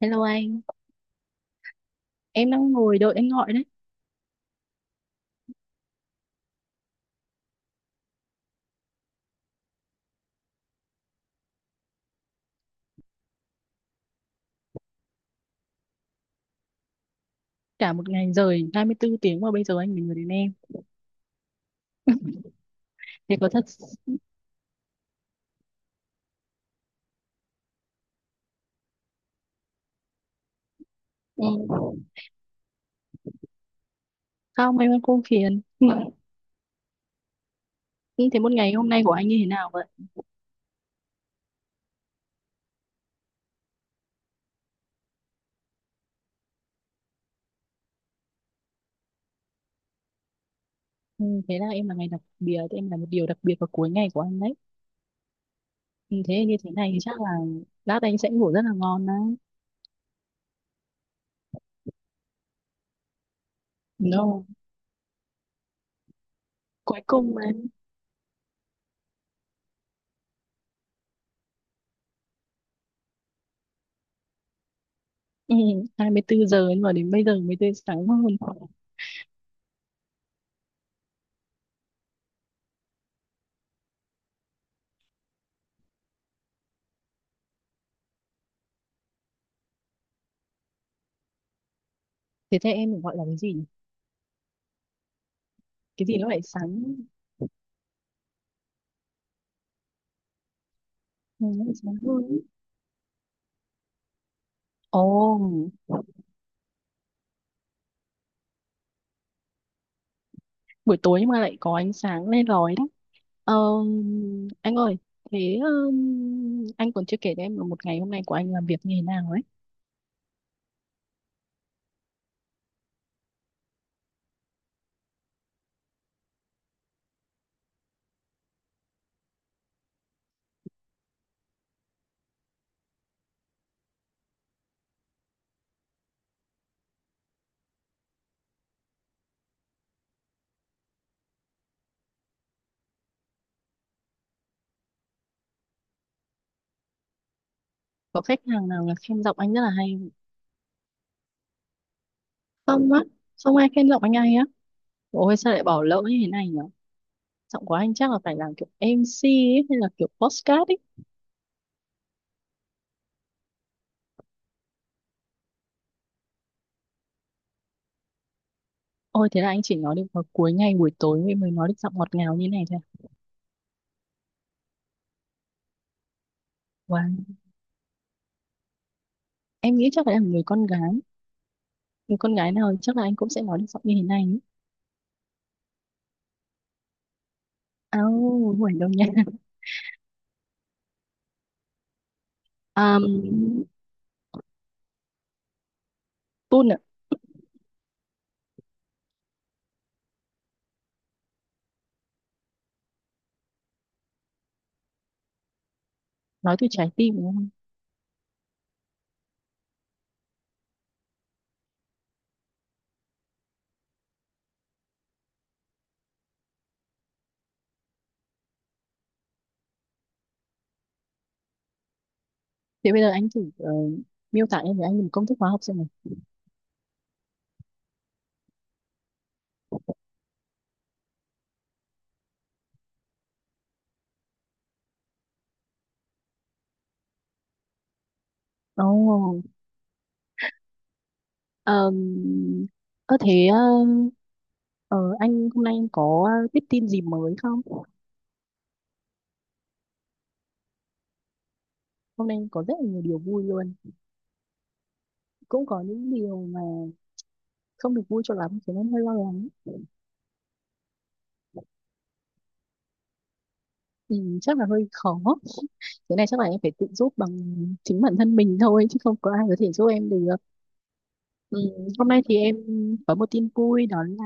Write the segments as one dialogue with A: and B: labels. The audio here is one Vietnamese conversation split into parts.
A: Hello anh, em đang ngồi đợi anh gọi đấy. Cả một ngày rồi, 24 tiếng mà bây giờ anh mới nhớ đến em. Thế có thật... Ừ. Không, em không phiền. Ừ. Thế một ngày hôm nay của anh như thế nào vậy? Ừ, thế là em là ngày đặc biệt, em là một điều đặc biệt vào cuối ngày của anh đấy. Ừ, thế như thế này thì chắc là lát anh sẽ ngủ rất là ngon đấy. No, cuối cùng mà. Ừ, 24 giờ nhưng mà đến bây giờ mới tới sáng hơn. Thế thế em gọi là cái gì nhỉ? Cái gì nó lại sáng? Ừ, nó lại sáng hơn. Ồ, buổi tối nhưng mà lại có ánh sáng le lói đấy. Ờ, anh ơi, thế anh còn chưa kể cho em là một ngày hôm nay của anh làm việc như thế nào ấy. Có khách hàng nào là khen giọng anh rất là hay không? Không á? Không ai khen giọng anh hay á? Ôi sao lại bỏ lỡ như thế này nhở. Giọng của anh chắc là phải làm kiểu MC ấy, hay là kiểu podcast ấy. Ôi thế là anh chỉ nói được vào cuối ngày buổi tối mới mới nói được giọng ngọt ngào như này thôi à? Wow, em nghĩ chắc phải là người con gái, người con gái nào chắc là anh cũng sẽ nói được giọng như thế này ấy. Ao, ngoài đâu nha. um, nói từ trái tim đúng không? Thế bây giờ anh thử miêu tả em với anh một công thức hóa học xem nào. Ồ. ờm, Ơ thế ờ, anh hôm nay anh có biết tin gì mới không? Hôm nay anh có rất là nhiều điều vui luôn. Cũng có những điều mà không được vui cho lắm, thế nên hơi lo lắng. Ừ, chắc là hơi khó. Thế này chắc là em phải tự giúp bằng chính bản thân mình thôi, chứ không có ai có thể giúp em được. Ừ, hôm nay thì em có một tin vui đó là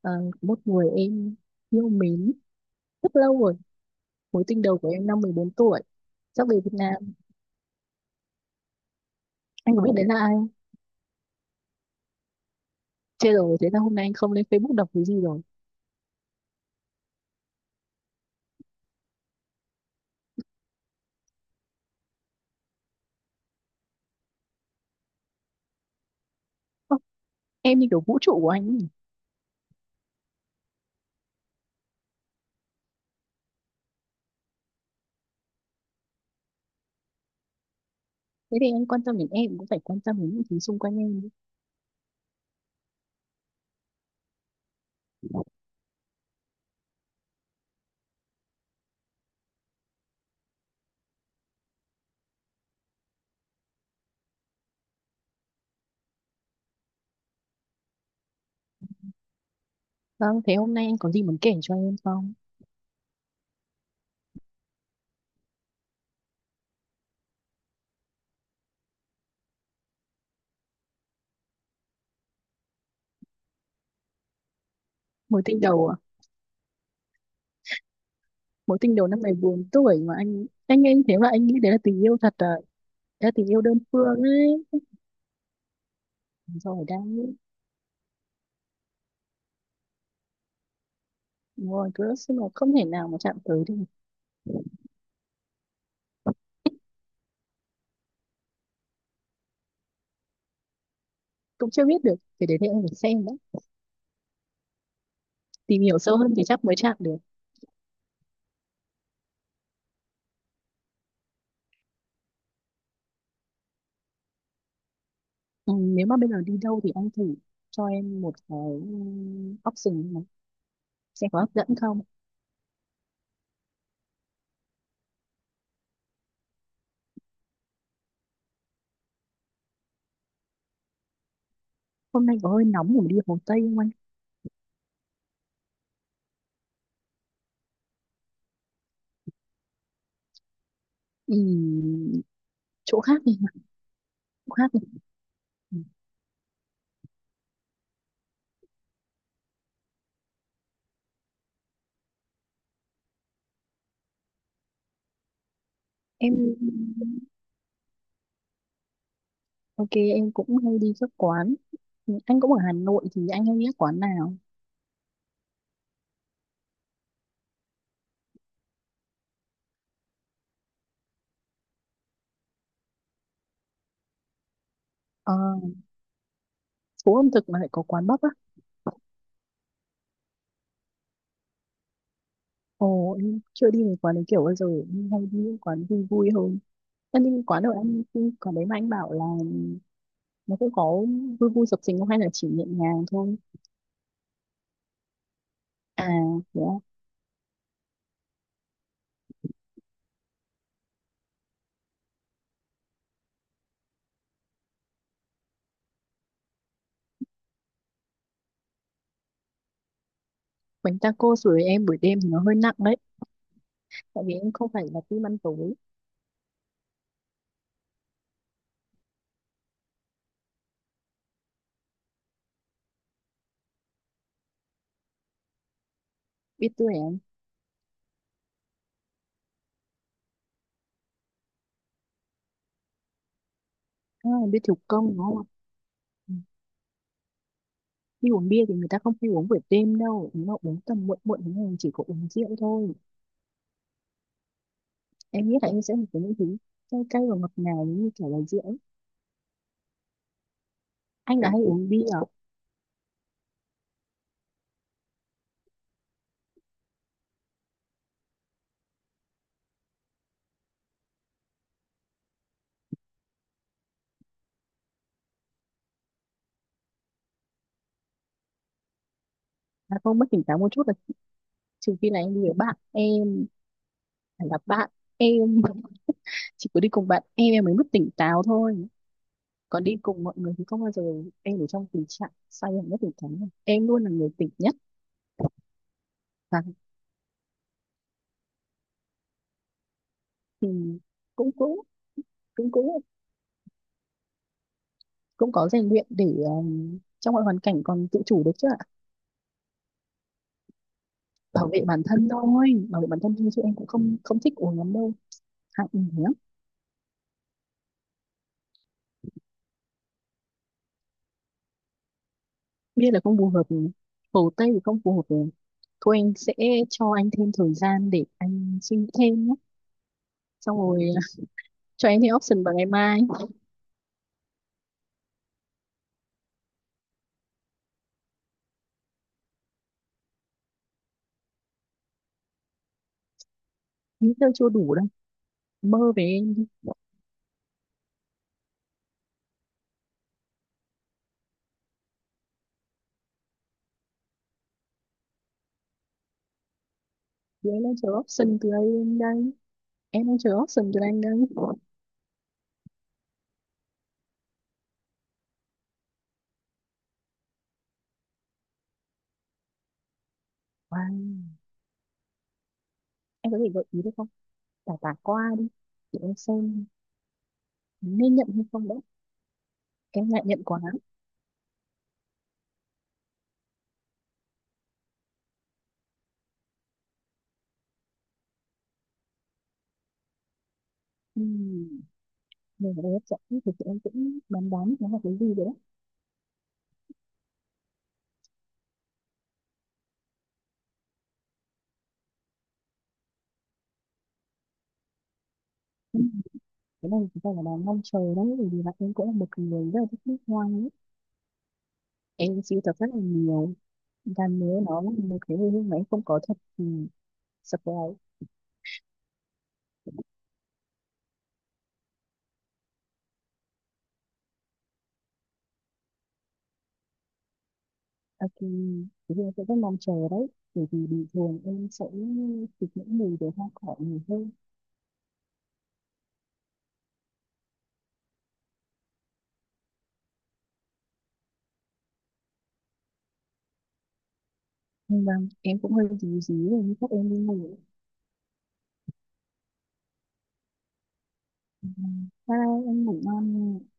A: ờ, một người em yêu mến rất lâu rồi, mối tình đầu của em năm 14 tuổi, sắp về Việt Nam. Anh có biết đấy là ai không? Chết rồi, thế là hôm nay anh không lên Facebook đọc cái gì rồi. Ơ, em như kiểu vũ trụ của anh ấy. Thế thì anh quan tâm đến em cũng phải quan tâm đến những thứ xung quanh em chứ. Vâng, thế hôm nay anh có gì muốn kể cho em không? Mối tình đầu à? Mối tình đầu năm 14 tuổi mà anh nghe như thế mà anh nghĩ đấy là tình yêu thật à? Đấy là tình yêu đơn phương ấy. Rồi đang đúng rồi, cứ nhưng mà không thể nào mà chạm tới được. Cũng chưa biết được, cái đấy thì đến đây em phải xem đấy, tìm hiểu sâu hơn thì chắc mới chạm được. Ừ, nếu mà bây giờ đi đâu thì anh thử cho em một cái option này xem có hấp dẫn không. Hôm nay có hơi nóng để mà đi Hồ Tây không anh? Ừ, chỗ khác đi. Chỗ khác đi. Ừ. Em ok, em cũng hay đi các quán. Ừ, anh cũng ở Hà Nội thì anh hay đi các quán nào? Ờ, phố ẩm thực mà lại có quán bắp á? Ồ, em chưa đi về quán đấy kiểu bao giờ, em hay đi những quán vui vui hơn. Em đi quán ở anh, quán đấy mà anh bảo là nó cũng có vui vui sập sình không, hay là chỉ nhẹ nhàng thôi? À, dạ. Bánh taco sủi em buổi đêm thì nó hơi nặng đấy. Tại vì em không phải là tim ăn tối. Biết tuổi em. À, biết thủ công đúng không? Ừ. Đi uống bia thì người ta không hay uống buổi đêm đâu. Nếu mà uống tầm muộn muộn thì mình chỉ có uống rượu thôi. Em nghĩ là em sẽ một cái những thứ cay cay và ngọt ngào như kiểu là rượu. Anh là hay uống bia à? À, không mất tỉnh táo một chút là trừ khi là em đi với bạn em. Phải là bạn em. Chỉ có đi cùng bạn em mới mất tỉnh táo thôi. Còn đi cùng mọi người thì không bao giờ em ở trong tình trạng say hẳn, nhất thể thắng này em luôn là người tỉnh nhất. Và thì cũng cũng cũng cũng cũng có rèn luyện để trong mọi hoàn cảnh còn tự chủ được chứ ạ. Bảo vệ bản thân thôi, bảo vệ bản thân thôi, chứ em cũng không không thích uống lắm đâu. Hạng nhé. Bia là không phù hợp, Hồ Tây thì không phù hợp rồi. Thôi anh sẽ cho anh thêm thời gian để anh suy nghĩ thêm nhé. Xong rồi à, cho em thêm option vào ngày mai. Nghĩ tôi chưa đủ đâu, mơ về em đi. Chị ấy lên chờ option từ đây, đây em đang chờ option cho anh đây. Wow. Em có thể gợi ý được không, tả tả qua đi để em xem nên nhận hay không đấy. Em ngại nhận quá. Uhm. Nên ở đây hấp dẫn thì chị em cũng đoán đoán nó là cái gì rồi đấy. Ừm, cái này chúng ta là đang mong chờ đấy, bởi vì là em cũng là một người rất là thích nước hoa ấy. Em sưu tập rất là nhiều. Và nếu nó là một cái hồi hương mà em không có thật thì surprise. Ok, thì em sẽ rất mong chờ đấy, bởi vì bình thường em sẽ thích những mùi về hoa cỏ nhiều hơn. Vâng, em cũng hơi dí dí rồi, nhưng chắc em đi ngủ. Bye bye, em ngủ ngon nha.